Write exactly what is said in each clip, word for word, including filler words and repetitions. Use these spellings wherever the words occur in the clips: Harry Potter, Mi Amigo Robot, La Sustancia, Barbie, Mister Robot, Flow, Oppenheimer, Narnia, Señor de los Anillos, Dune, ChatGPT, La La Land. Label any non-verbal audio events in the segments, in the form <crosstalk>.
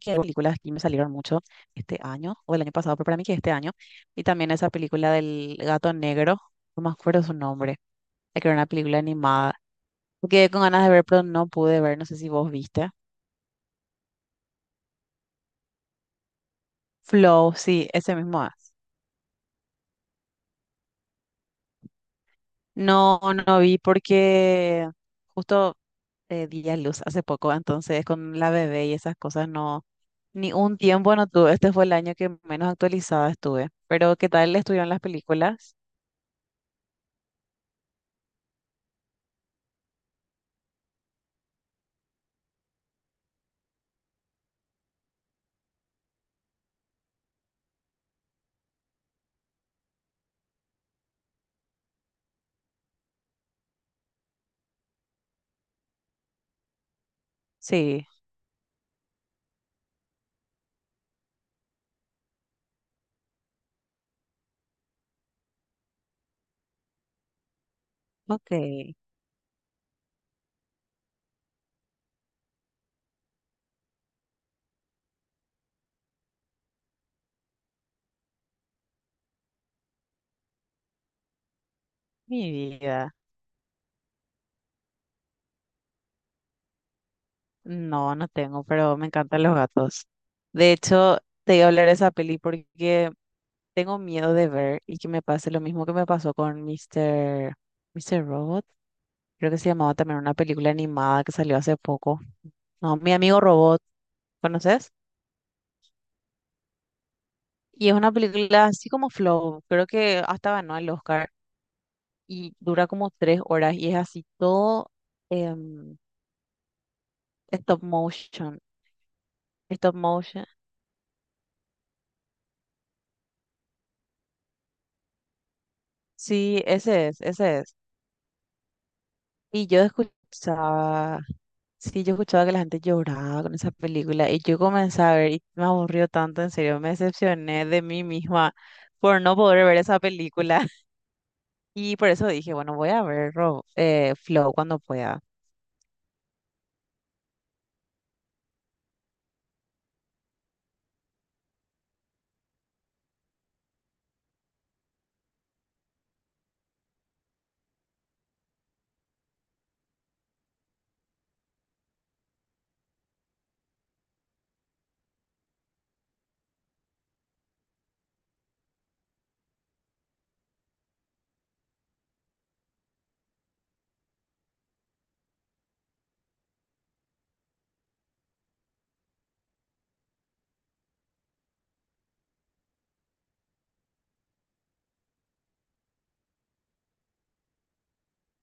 Que hay películas que me salieron mucho este año o el año pasado, pero para mí que este año. Y también esa película del gato negro, no me acuerdo su nombre, la que era una película animada. Me quedé con ganas de ver, pero no pude ver, no sé si vos viste. Flow, sí, ese mismo es. No, no vi porque justo eh, di a luz hace poco, entonces con la bebé y esas cosas no, ni un tiempo no tuve. Este fue el año que menos actualizada estuve. Pero ¿qué tal estuvieron las películas? Sí, ok, mi vida. No, no tengo, pero me encantan los gatos. De hecho, te iba a hablar de esa peli porque tengo miedo de ver y que me pase lo mismo que me pasó con Mister Mister Robot. Creo que se llamaba también una película animada que salió hace poco. No, Mi Amigo Robot, ¿conoces? Y es una película así como Flow, creo que hasta ganó el Oscar y dura como tres horas y es así todo em, stop motion. Stop motion. Sí, ese es, ese es. Y yo escuchaba, sí, yo escuchaba que la gente lloraba con esa película y yo comencé a ver y me aburrió tanto, en serio, me decepcioné de mí misma por no poder ver esa película. <laughs> Y por eso dije, bueno, voy a ver Ro- eh, Flow cuando pueda.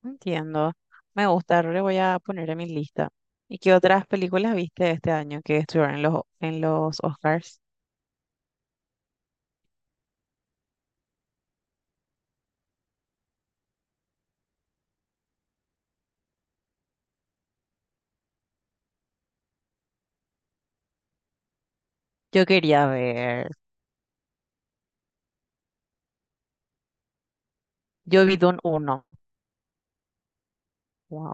Entiendo, me gusta, le voy a poner en mi lista. ¿Y qué otras películas viste este año que estuvieron en los, en los Oscars? Yo quería ver, yo vi Dune uno. Wow.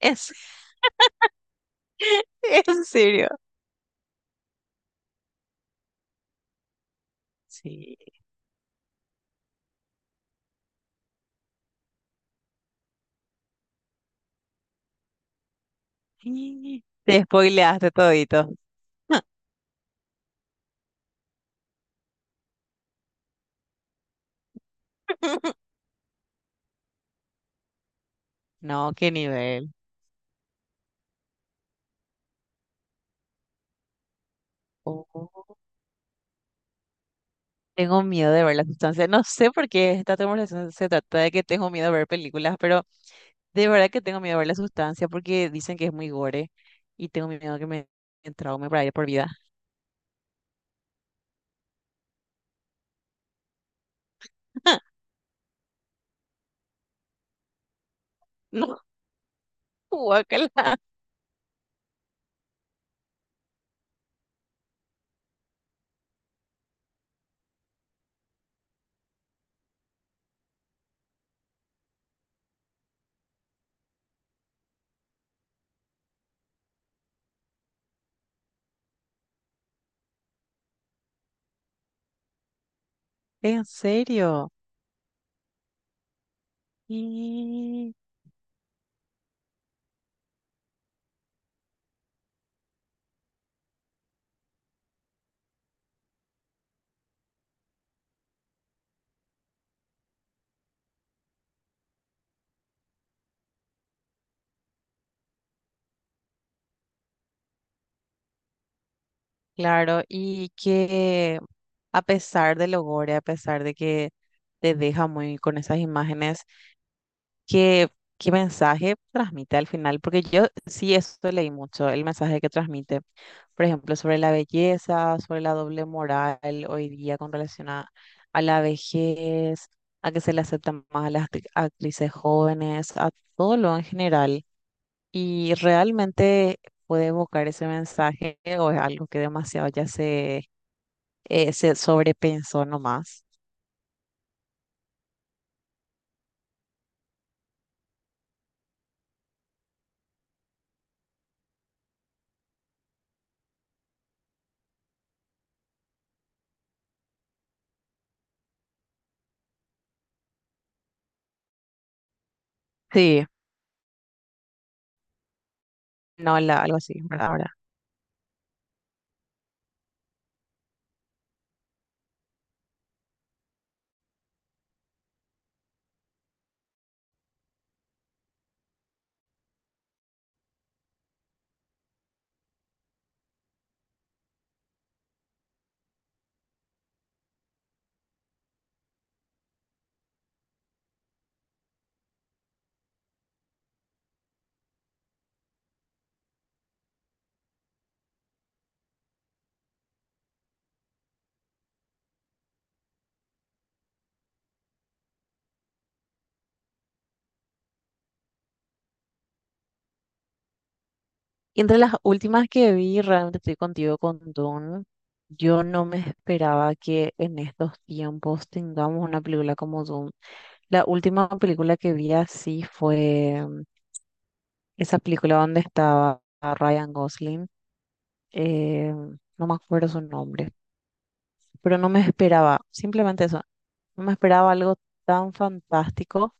Es, <laughs> en serio. Sí. Y Te spoileaste todito. <laughs> No, qué nivel. Oh, tengo miedo de ver la sustancia. No sé por qué esta conversación se trata de que tengo miedo de ver películas, pero de verdad que tengo miedo de ver la sustancia porque dicen que es muy gore y tengo miedo que me traume para ir por vida. <laughs> No, guácala. En serio. Y claro, y que a pesar de lo gore, a pesar de que te deja muy con esas imágenes. ¿Qué, qué mensaje transmite al final? Porque yo sí esto leí mucho, el mensaje que transmite, por ejemplo, sobre la belleza, sobre la doble moral hoy día con relación a, a la vejez, a que se le aceptan más a las actri- actrices jóvenes, a todo lo en general. Y realmente puede evocar ese mensaje o es algo que demasiado ya se, eh, se sobrepensó nomás. Sí, no, la- algo así, ¿verdad? Y entre las últimas que vi, realmente estoy contigo con Dune. Yo no me esperaba que en estos tiempos tengamos una película como Dune. La última película que vi así fue mm, esa película donde estaba Ryan Gosling. eh, no me acuerdo su nombre, pero no me esperaba, simplemente eso, no me esperaba algo tan fantástico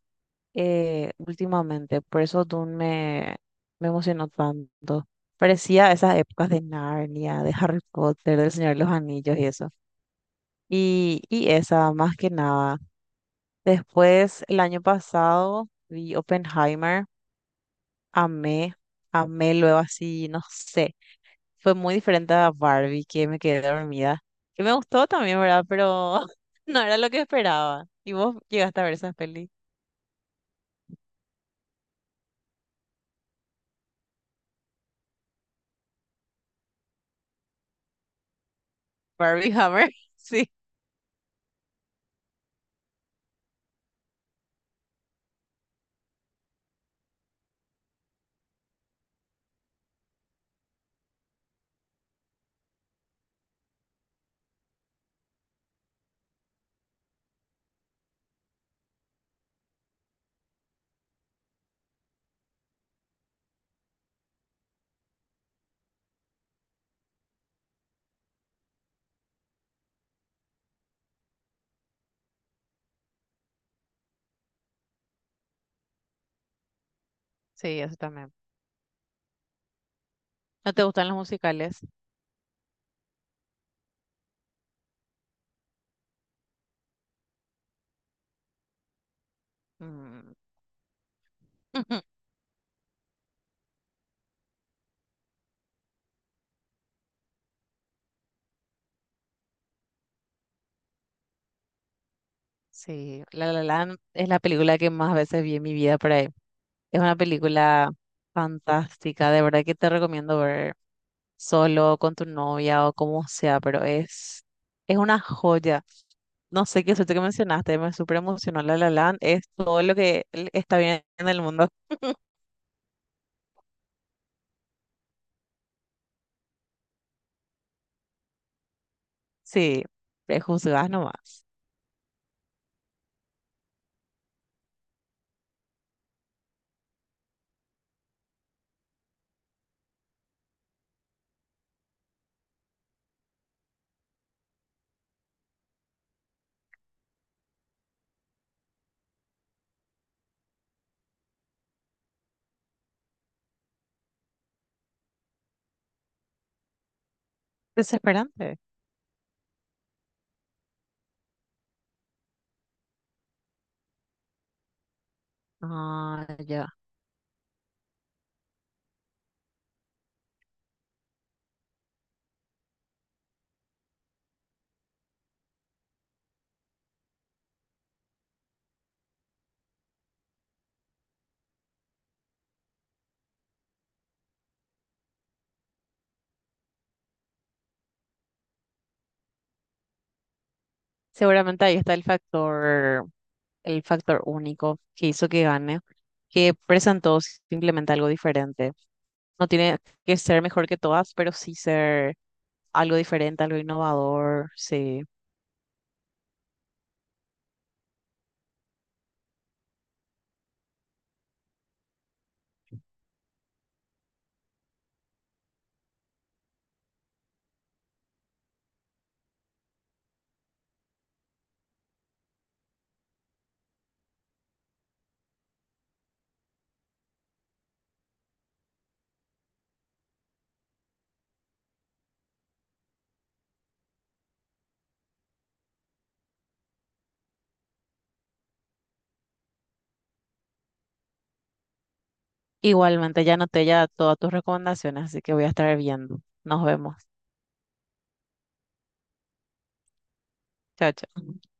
eh, últimamente. Por eso Dune me, me emocionó tanto. Parecía esas épocas de Narnia, de Harry Potter, del Señor de los Anillos y eso. Y, y esa, más que nada. Después, el año pasado, vi Oppenheimer, amé, amé luego así, no sé. Fue muy diferente a Barbie, que me quedé dormida. Que me gustó también, ¿verdad? Pero <laughs> no era lo que esperaba. ¿Y vos llegaste a ver esa peli? Barbie Hammer, <laughs> sí. Sí, eso también. ¿No te gustan los musicales? Mm. <laughs> Sí, La La Land es la película que más veces vi en mi vida por ahí. Es una película fantástica, de verdad que te recomiendo ver solo, con tu novia o como sea, pero es, es una joya. No sé qué suerte que mencionaste, me súper emocionó La La Land, es todo lo que l- está bien en el mundo. Sí, prejuzgas nomás. Desesperante. Ah, ya. Seguramente ahí está el factor. el factor único que hizo que gane, que presentó simplemente algo diferente. No tiene que ser mejor que todas, pero sí ser algo diferente, algo innovador, sí. Igualmente ya anoté ya todas tus recomendaciones, así que voy a estar viendo. Nos vemos. Chao, chao.